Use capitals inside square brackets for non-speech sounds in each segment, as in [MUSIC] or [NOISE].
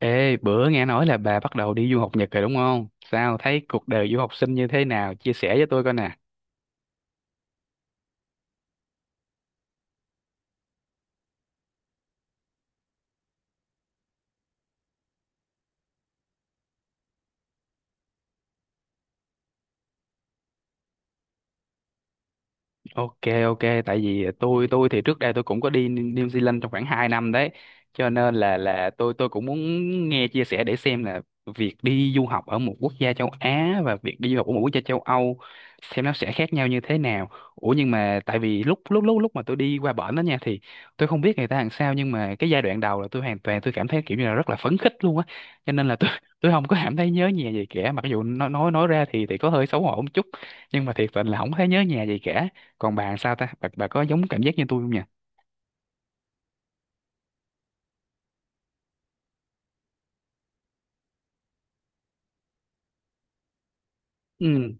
Ê, bữa nghe nói là bà bắt đầu đi du học Nhật rồi đúng không? Sao thấy cuộc đời du học sinh như thế nào? Chia sẻ với tôi coi nè. Ok, ok, tại vì tôi thì trước đây tôi cũng có đi New Zealand trong khoảng 2 năm đấy, cho nên là tôi cũng muốn nghe chia sẻ để xem là việc đi du học ở một quốc gia châu Á và việc đi du học ở một quốc gia châu Âu xem nó sẽ khác nhau như thế nào. Ủa nhưng mà tại vì lúc lúc lúc lúc mà tôi đi qua bển đó nha thì tôi không biết người ta làm sao, nhưng mà cái giai đoạn đầu là tôi hoàn toàn tôi cảm thấy kiểu như là rất là phấn khích luôn á, cho nên là tôi [LAUGHS] tôi không có cảm thấy nhớ nhà gì cả, mặc dù nói ra thì có hơi xấu hổ một chút, nhưng mà thiệt tình là không thấy nhớ nhà gì cả. Còn bạn sao ta bà, có giống cảm giác như tôi không nhỉ? Ừ.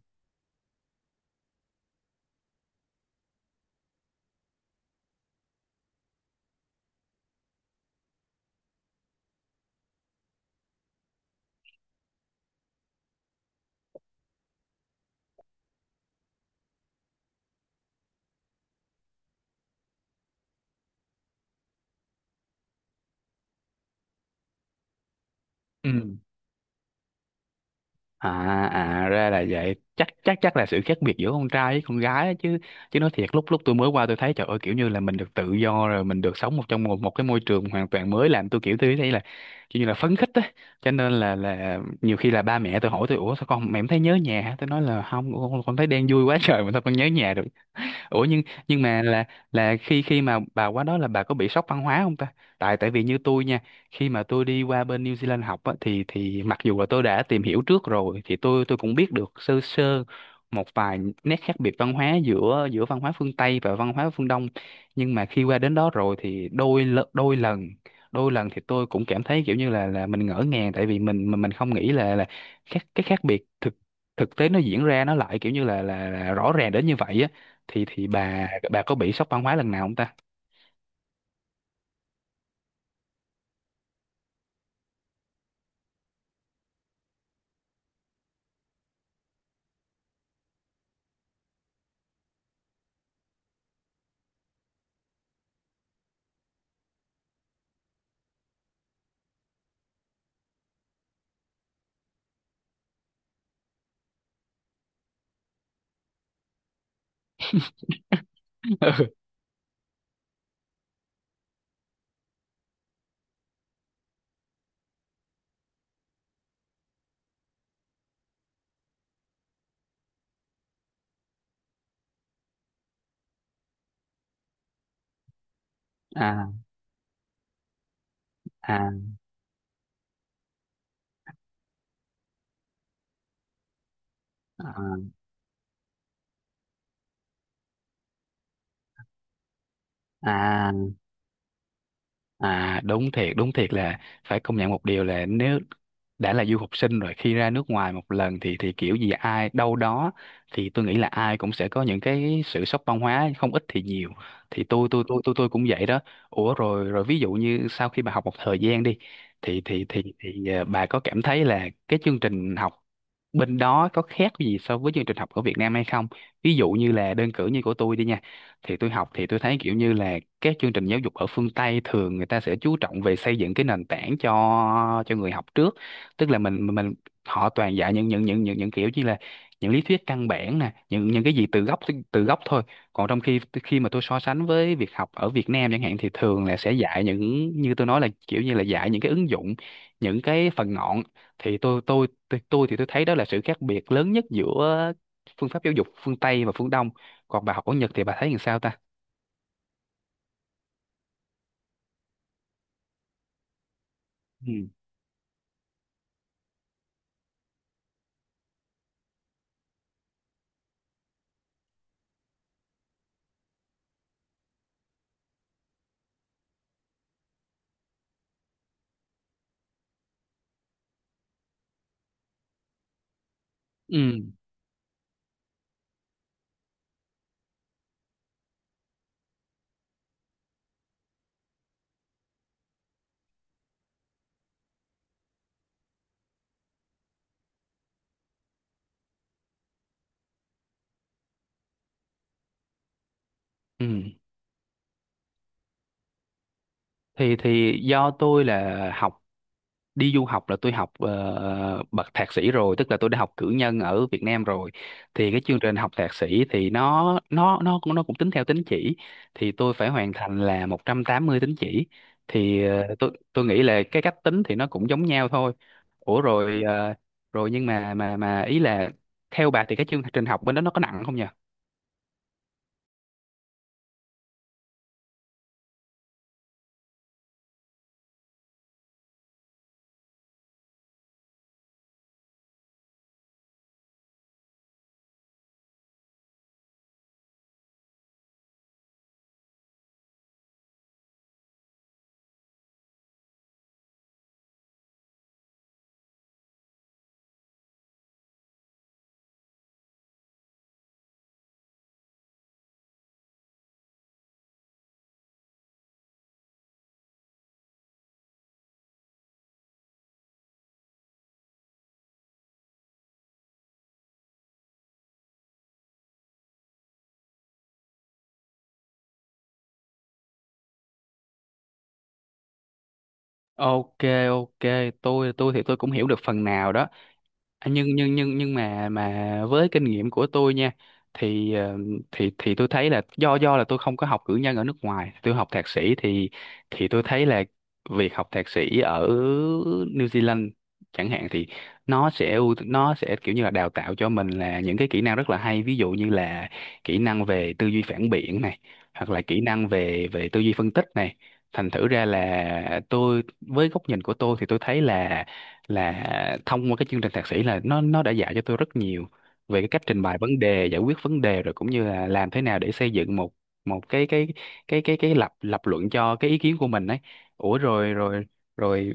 Ừ. À. À ra là vậy, chắc chắc chắc là sự khác biệt giữa con trai với con gái á, chứ chứ nói thiệt lúc lúc tôi mới qua tôi thấy trời ơi, kiểu như là mình được tự do rồi, mình được sống một trong một một cái môi trường hoàn toàn mới, làm tôi kiểu tôi thấy là kiểu như là phấn khích á, cho nên là nhiều khi là ba mẹ tôi hỏi tôi ủa sao con mẹ em thấy nhớ nhà hả?" Tôi nói là không, con thấy đang vui quá trời mà sao con nhớ nhà được. Ủa nhưng mà là khi khi mà bà qua đó là bà có bị sốc văn hóa không ta? Tại tại vì như tôi nha, khi mà tôi đi qua bên New Zealand học á, thì mặc dù là tôi đã tìm hiểu trước rồi thì tôi cũng biết được sơ sơ một vài nét khác biệt văn hóa giữa giữa văn hóa phương Tây và văn hóa phương Đông. Nhưng mà khi qua đến đó rồi thì đôi lần thì tôi cũng cảm thấy kiểu như là mình ngỡ ngàng, tại vì mình không nghĩ là khác biệt thực thực tế nó diễn ra nó lại kiểu như là rõ ràng đến như vậy á, thì bà có bị sốc văn hóa lần nào không ta? [LAUGHS] Ừ. À. À. À. À. À, đúng thiệt là phải công nhận một điều là nếu đã là du học sinh rồi, khi ra nước ngoài một lần thì kiểu gì ai đâu đó, thì tôi nghĩ là ai cũng sẽ có những cái sự sốc văn hóa không ít thì nhiều, thì tôi cũng vậy đó. Ủa rồi rồi ví dụ như sau khi bà học một thời gian đi thì bà có cảm thấy là cái chương trình học bên đó có khác gì so với chương trình học ở Việt Nam hay không, ví dụ như là đơn cử như của tôi đi nha, thì tôi học thì tôi thấy kiểu như là các chương trình giáo dục ở phương Tây thường người ta sẽ chú trọng về xây dựng cái nền tảng cho người học trước, tức là họ toàn dạy những kiểu như là những lý thuyết căn bản nè, những cái gì từ gốc thôi, còn trong khi khi mà tôi so sánh với việc học ở Việt Nam chẳng hạn thì thường là sẽ dạy những như tôi nói là kiểu như là dạy những cái ứng dụng, những cái phần ngọn, thì tôi thì tôi thấy đó là sự khác biệt lớn nhất giữa phương pháp giáo dục phương Tây và phương Đông. Còn bà học ở Nhật thì bà thấy làm sao ta? Ừ. Ừ. Ừ. Thì do tôi là học, đi du học là tôi học bậc thạc sĩ rồi, tức là tôi đã học cử nhân ở Việt Nam rồi, thì cái chương trình học thạc sĩ thì nó cũng tính theo tín chỉ, thì tôi phải hoàn thành là 180 tín chỉ, thì tôi nghĩ là cái cách tính thì nó cũng giống nhau thôi. Ủa rồi nhưng mà mà ý là theo bà thì cái chương trình học bên đó nó có nặng không nhỉ? Ok, ok, tôi thì tôi cũng hiểu được phần nào đó. À, nhưng mà với kinh nghiệm của tôi nha, thì thì tôi thấy là do là tôi không có học cử nhân ở nước ngoài, tôi học thạc sĩ thì tôi thấy là việc học thạc sĩ ở New Zealand chẳng hạn thì nó sẽ nó sẽ kiểu như là đào tạo cho mình là những cái kỹ năng rất là hay, ví dụ như là kỹ năng về tư duy phản biện này, hoặc là kỹ năng về về tư duy phân tích này, thành thử ra là tôi với góc nhìn của tôi thì tôi thấy là thông qua cái chương trình thạc sĩ là nó đã dạy cho tôi rất nhiều về cái cách trình bày vấn đề, giải quyết vấn đề, rồi cũng như là làm thế nào để xây dựng một một cái lập lập luận cho cái ý kiến của mình ấy. Ủa rồi rồi rồi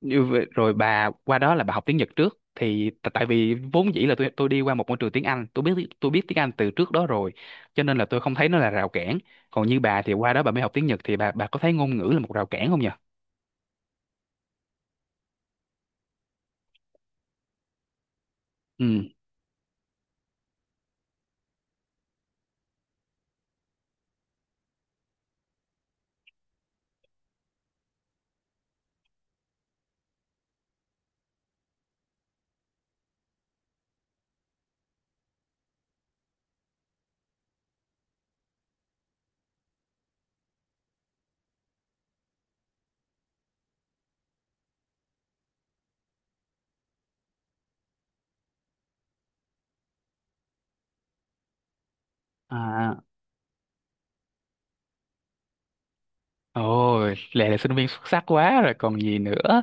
rồi bà qua đó là bà học tiếng Nhật trước thì tại vì vốn dĩ là tôi đi qua một môi trường tiếng Anh, tôi biết tiếng Anh từ trước đó rồi, cho nên là tôi không thấy nó là rào cản. Còn như bà thì qua đó bà mới học tiếng Nhật thì bà có thấy ngôn ngữ là một rào cản không nhỉ? Ừ. À. Ôi, Lệ là sinh viên xuất sắc quá rồi còn gì nữa.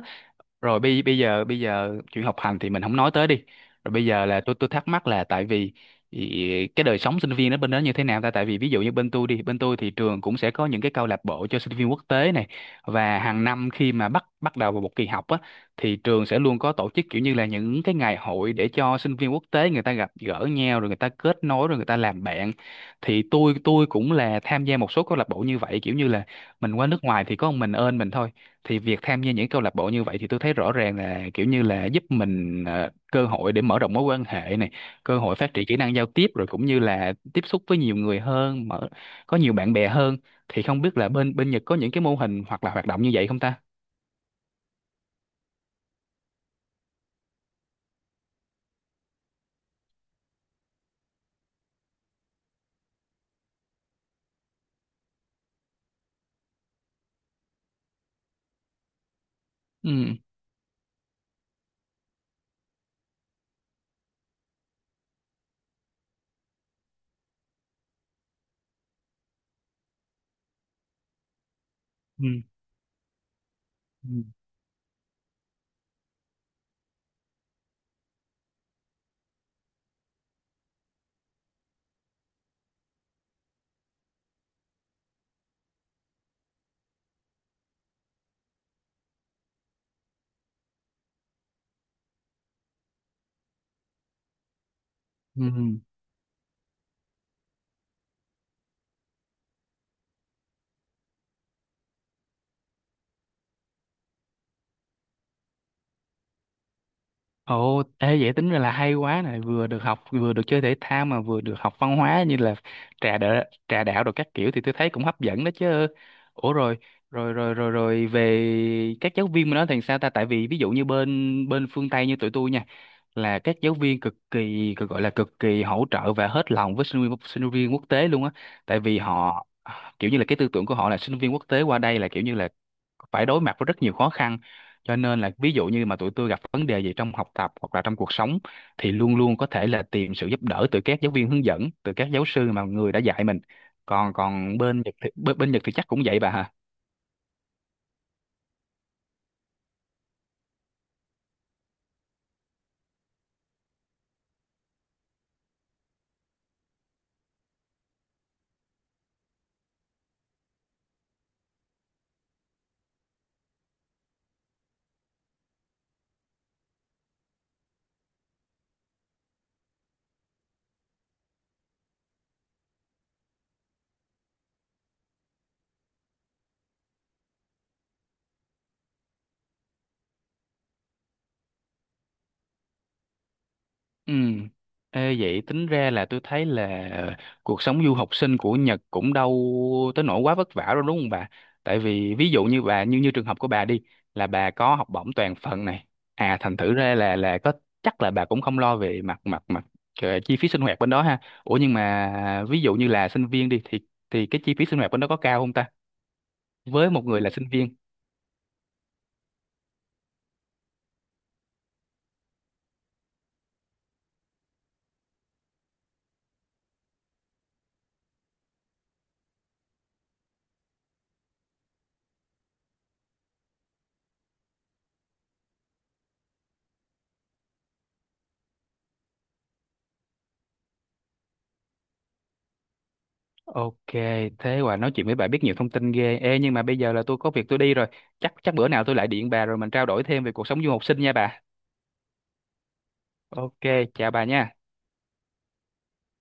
Rồi bây bây giờ chuyện học hành thì mình không nói tới đi, rồi bây giờ là tôi thắc mắc là tại vì cái đời sống sinh viên ở bên đó như thế nào ta, tại vì ví dụ như bên tôi đi, bên tôi thì trường cũng sẽ có những cái câu lạc bộ cho sinh viên quốc tế này, và hàng năm khi mà bắt bắt đầu vào một kỳ học á thì trường sẽ luôn có tổ chức kiểu như là những cái ngày hội để cho sinh viên quốc tế người ta gặp gỡ nhau, rồi người ta kết nối, rồi người ta làm bạn, thì tôi cũng là tham gia một số câu lạc bộ như vậy, kiểu như là mình qua nước ngoài thì có một mình ơn mình thôi, thì việc tham gia những câu lạc bộ như vậy thì tôi thấy rõ ràng là kiểu như là giúp mình cơ hội để mở rộng mối quan hệ này, cơ hội phát triển kỹ năng giao tiếp, rồi cũng như là tiếp xúc với nhiều người hơn, mở, có nhiều bạn bè hơn, thì không biết là bên bên Nhật có những cái mô hình hoặc là hoạt động như vậy không ta? Ừ. Ừ. Ừ. Ừ. Ồ, ê vậy tính ra là hay quá này, vừa được học, vừa được chơi thể thao, mà vừa được học văn hóa như là trà đạo rồi các kiểu thì tôi thấy cũng hấp dẫn đó chứ. Ủa rồi, rồi rồi rồi rồi về các giáo viên mà nói thì sao ta? Tại vì ví dụ như bên bên phương Tây như tụi tôi nha, là các giáo viên cực kỳ cực gọi là cực kỳ hỗ trợ và hết lòng với sinh viên quốc tế luôn á, tại vì họ kiểu như là cái tư tưởng của họ là sinh viên quốc tế qua đây là kiểu như là phải đối mặt với rất nhiều khó khăn, cho nên là ví dụ như mà tụi tôi gặp vấn đề gì trong học tập hoặc là trong cuộc sống thì luôn luôn có thể là tìm sự giúp đỡ từ các giáo viên hướng dẫn, từ các giáo sư mà người đã dạy mình, còn còn bên Nhật thì chắc cũng vậy bà hả? Ừ. Ê, vậy tính ra là tôi thấy là cuộc sống du học sinh của Nhật cũng đâu tới nỗi quá vất vả đâu đúng không bà? Tại vì ví dụ như bà, như như trường hợp của bà đi, là bà có học bổng toàn phần này. À thành thử ra là có, chắc là bà cũng không lo về mặt mặt mặt ờ, chi phí sinh hoạt bên đó ha. Ủa nhưng mà ví dụ như là sinh viên đi thì cái chi phí sinh hoạt bên đó có cao không ta? Với một người là sinh viên. Ok, thế quả nói chuyện với bà biết nhiều thông tin ghê. Ê, nhưng mà bây giờ là tôi có việc tôi đi rồi. Chắc chắc bữa nào tôi lại điện bà rồi mình trao đổi thêm về cuộc sống du học sinh nha bà. Ok, chào bà nha.